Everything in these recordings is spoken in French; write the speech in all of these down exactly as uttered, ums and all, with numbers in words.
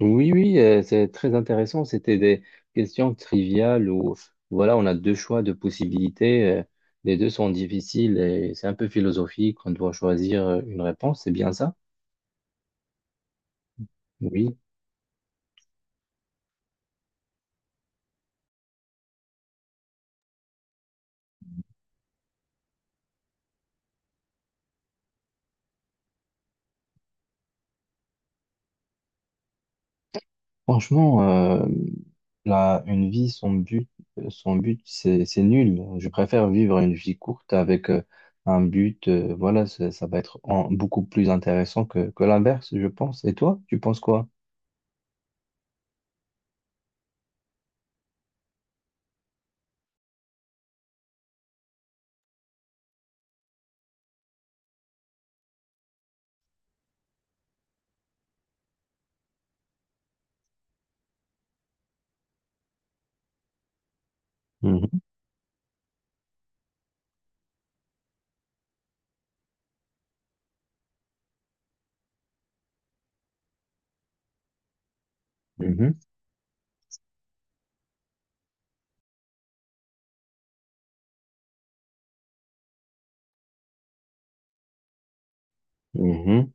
Oui, oui, euh, c'est très intéressant. C'était des questions triviales où, voilà, on a deux choix de possibilités. euh, Les deux sont difficiles et c'est un peu philosophique. On doit choisir euh, une réponse. C'est bien ça? Oui. Franchement, euh, la, une vie sans but, euh, sans but, c'est, c'est nul. Je préfère vivre une vie courte avec euh, un but. Euh, voilà, ça, ça va être en- beaucoup plus intéressant que, que l'inverse, je pense. Et toi, tu penses quoi? Mhm. Mhm. Mhm.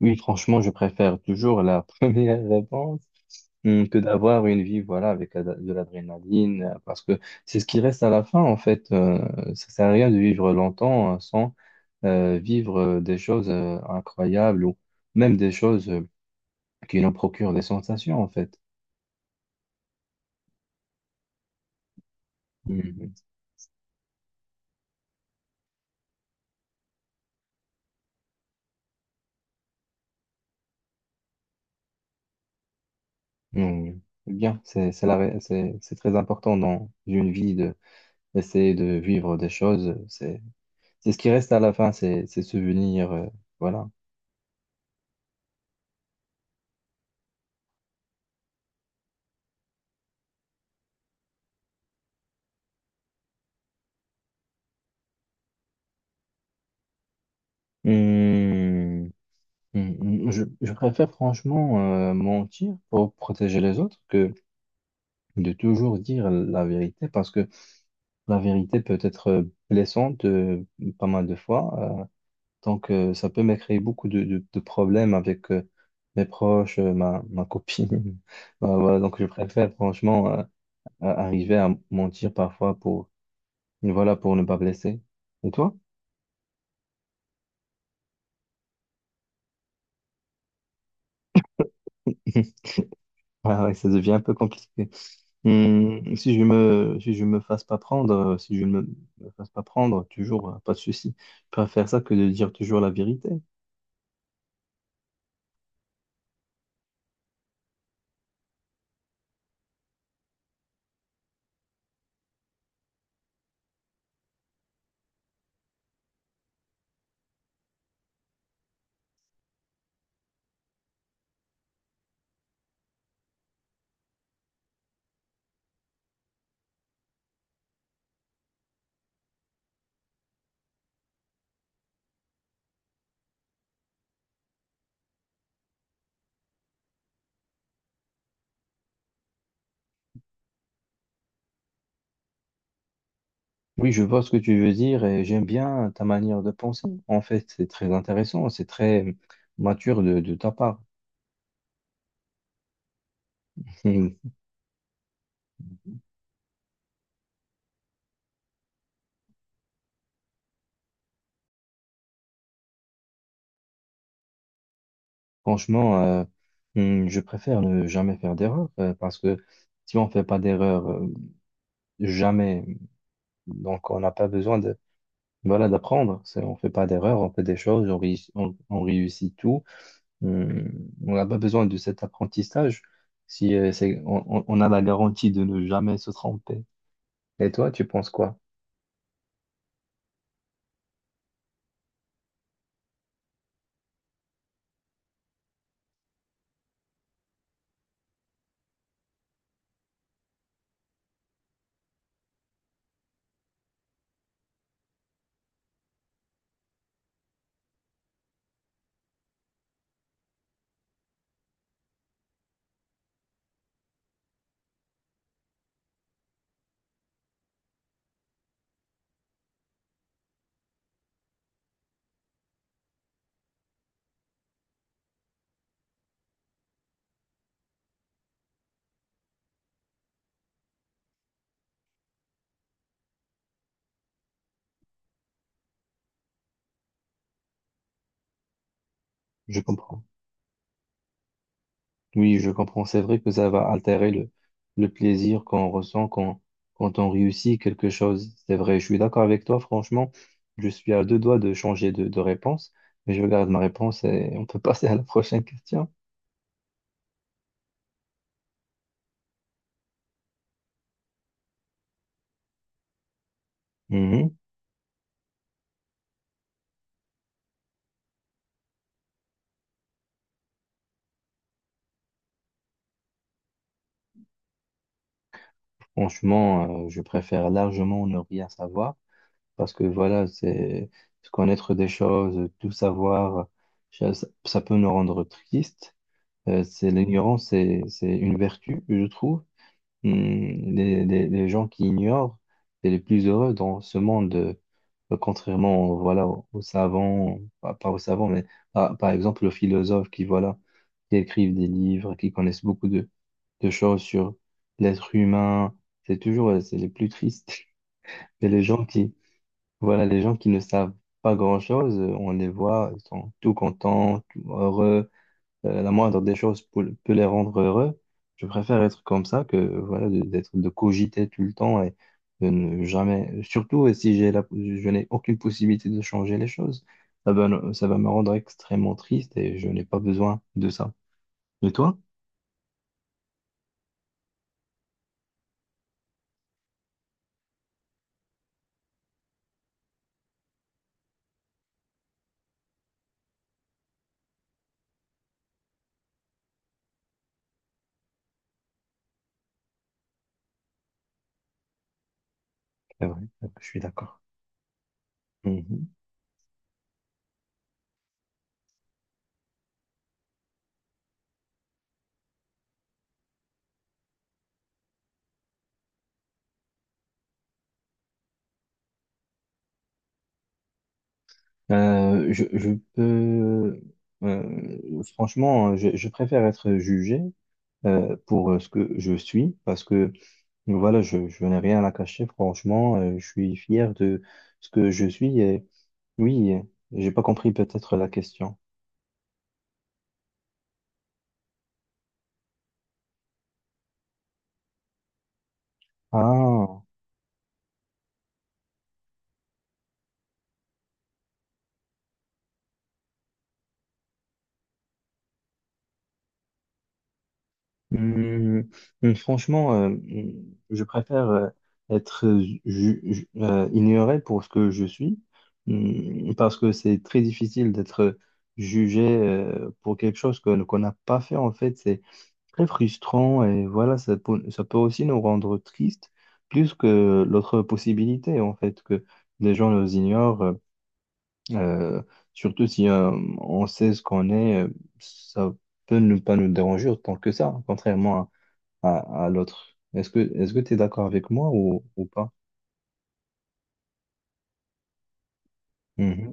Oui, franchement, je préfère toujours la première réponse hum, que d'avoir une vie, voilà, avec la- de l'adrénaline, euh, parce que c'est ce qui reste à la fin, en fait. Euh, ça sert à rien de vivre longtemps euh, sans euh, vivre euh, des choses euh, incroyables ou même des choses euh, qui nous procurent des sensations, en fait. Hum, hum. Bien, c'est c'est la ré- c'est- c'est très important dans une vie de d'essayer de vivre des choses. C'est c'est ce qui reste à la fin, c'est ces souvenirs, euh, voilà. Hum. Mm, mm, Je, je préfère franchement euh, mentir pour protéger les autres que de toujours dire la vérité parce que la vérité peut être euh, blessante euh, pas mal de fois. Euh, donc euh, ça peut me créer beaucoup de, de- de problèmes avec euh, mes proches, euh, ma, ma copine. Bah, voilà, donc je préfère franchement euh, à- arriver à mentir parfois pour, voilà, pour ne pas blesser. Et toi? Ah ouais, ça devient un peu compliqué. Hum, si je me, si je me fasse pas prendre, euh, si je ne me, me fasse pas prendre, toujours, euh, pas de souci. Je préfère ça que de dire toujours la vérité. Oui, je vois ce que tu veux dire et j'aime bien ta manière de penser. En fait, c'est très intéressant, c'est très mature de, de ta part. Hum. Franchement, euh, hum, je préfère ne jamais faire d'erreur euh, parce que si on fait pas d'erreur, euh, jamais, donc on n'a pas besoin de, voilà, d'apprendre. C'est- On fait pas d'erreur, on fait des choses, on, réussit- on on réussit tout. Euh, on n'a pas besoin de cet apprentissage si euh, c'est, on, on- on a la garantie de ne jamais se tromper. Et toi, tu penses quoi? Je comprends. Oui, je comprends. C'est vrai que ça va altérer le, le plaisir qu'on ressent quand, quand on réussit quelque chose. C'est vrai, je suis d'accord avec toi, franchement. Je suis à deux doigts de changer de, de réponse, mais je garde ma réponse et on peut passer à la prochaine question. Mhm. Franchement, euh, je préfère largement ne rien savoir. Parce que voilà, c'est se connaître des choses, tout savoir, ça, ça peut nous rendre tristes. Euh, c'est l'ignorance, c'est, c'est une vertu, je trouve. Hmm, les, les- les gens qui ignorent, c'est les plus heureux dans ce monde. Euh, Contrairement, voilà, aux, aux savants, pas, pas aux savants, mais par, par exemple aux philosophes qui, voilà, qui écrivent des livres, qui connaissent beaucoup de, de choses sur l'être humain, c'est toujours, euh, c'est les plus tristes. Et les gens qui voilà, les gens qui ne savent pas grand-chose, euh, on les voit, ils sont tout contents, tout heureux. Euh, la moindre des choses peut, peut les rendre heureux. Je préfère être comme ça que voilà, de- d'être de cogiter tout le temps et de ne jamais. Surtout si j'ai la, je n'ai aucune possibilité de changer les choses, ça va, me- ça va me rendre extrêmement triste et je n'ai pas besoin de ça. Et toi? C'est vrai, je suis d'accord. Mhm. Euh, je, je peux, euh, franchement, je, je préfère être jugé euh, pour ce que je suis parce que voilà, je, je n'ai rien à cacher. Franchement, euh, je suis fier de ce que je suis. Et oui, j'ai pas compris peut-être la question. Ah. Hum, hum, franchement, euh, hum, je préfère euh, être ju- ju- euh, ignoré pour ce que je suis, hum, parce que c'est très difficile d'être jugé euh, pour quelque chose que- qu'on n'a pas fait. En fait, c'est très frustrant et voilà, ça peut, ça peut aussi nous rendre tristes plus que l'autre possibilité, en fait, que les gens nous ignorent, euh, euh, surtout si euh, on sait ce qu'on est, euh, ça peut ne pas nous déranger autant que ça, contrairement à à, à l'autre. Est-ce que est-ce que tu es d'accord avec moi ou, ou pas? Mhm.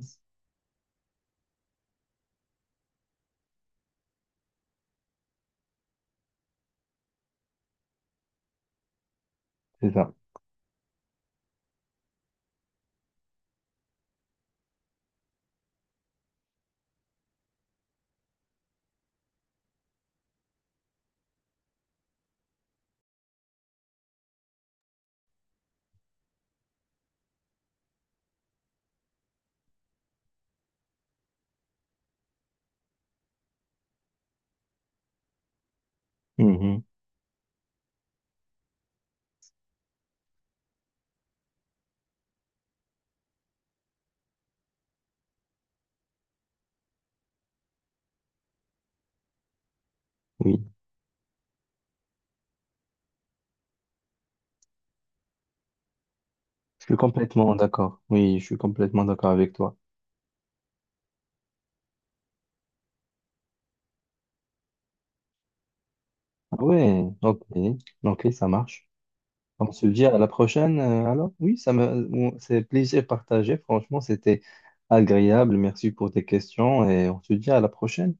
C'est ça. Mhm. Oui, je suis complètement d'accord. Oui, je suis complètement d'accord avec toi. Ah ouais, ok, ok, ça marche. On se dit à la prochaine, euh, alors? Oui, ça me, ou- c'est plaisir partagé. Franchement, c'était agréable. Merci pour tes questions et on se dit à la prochaine.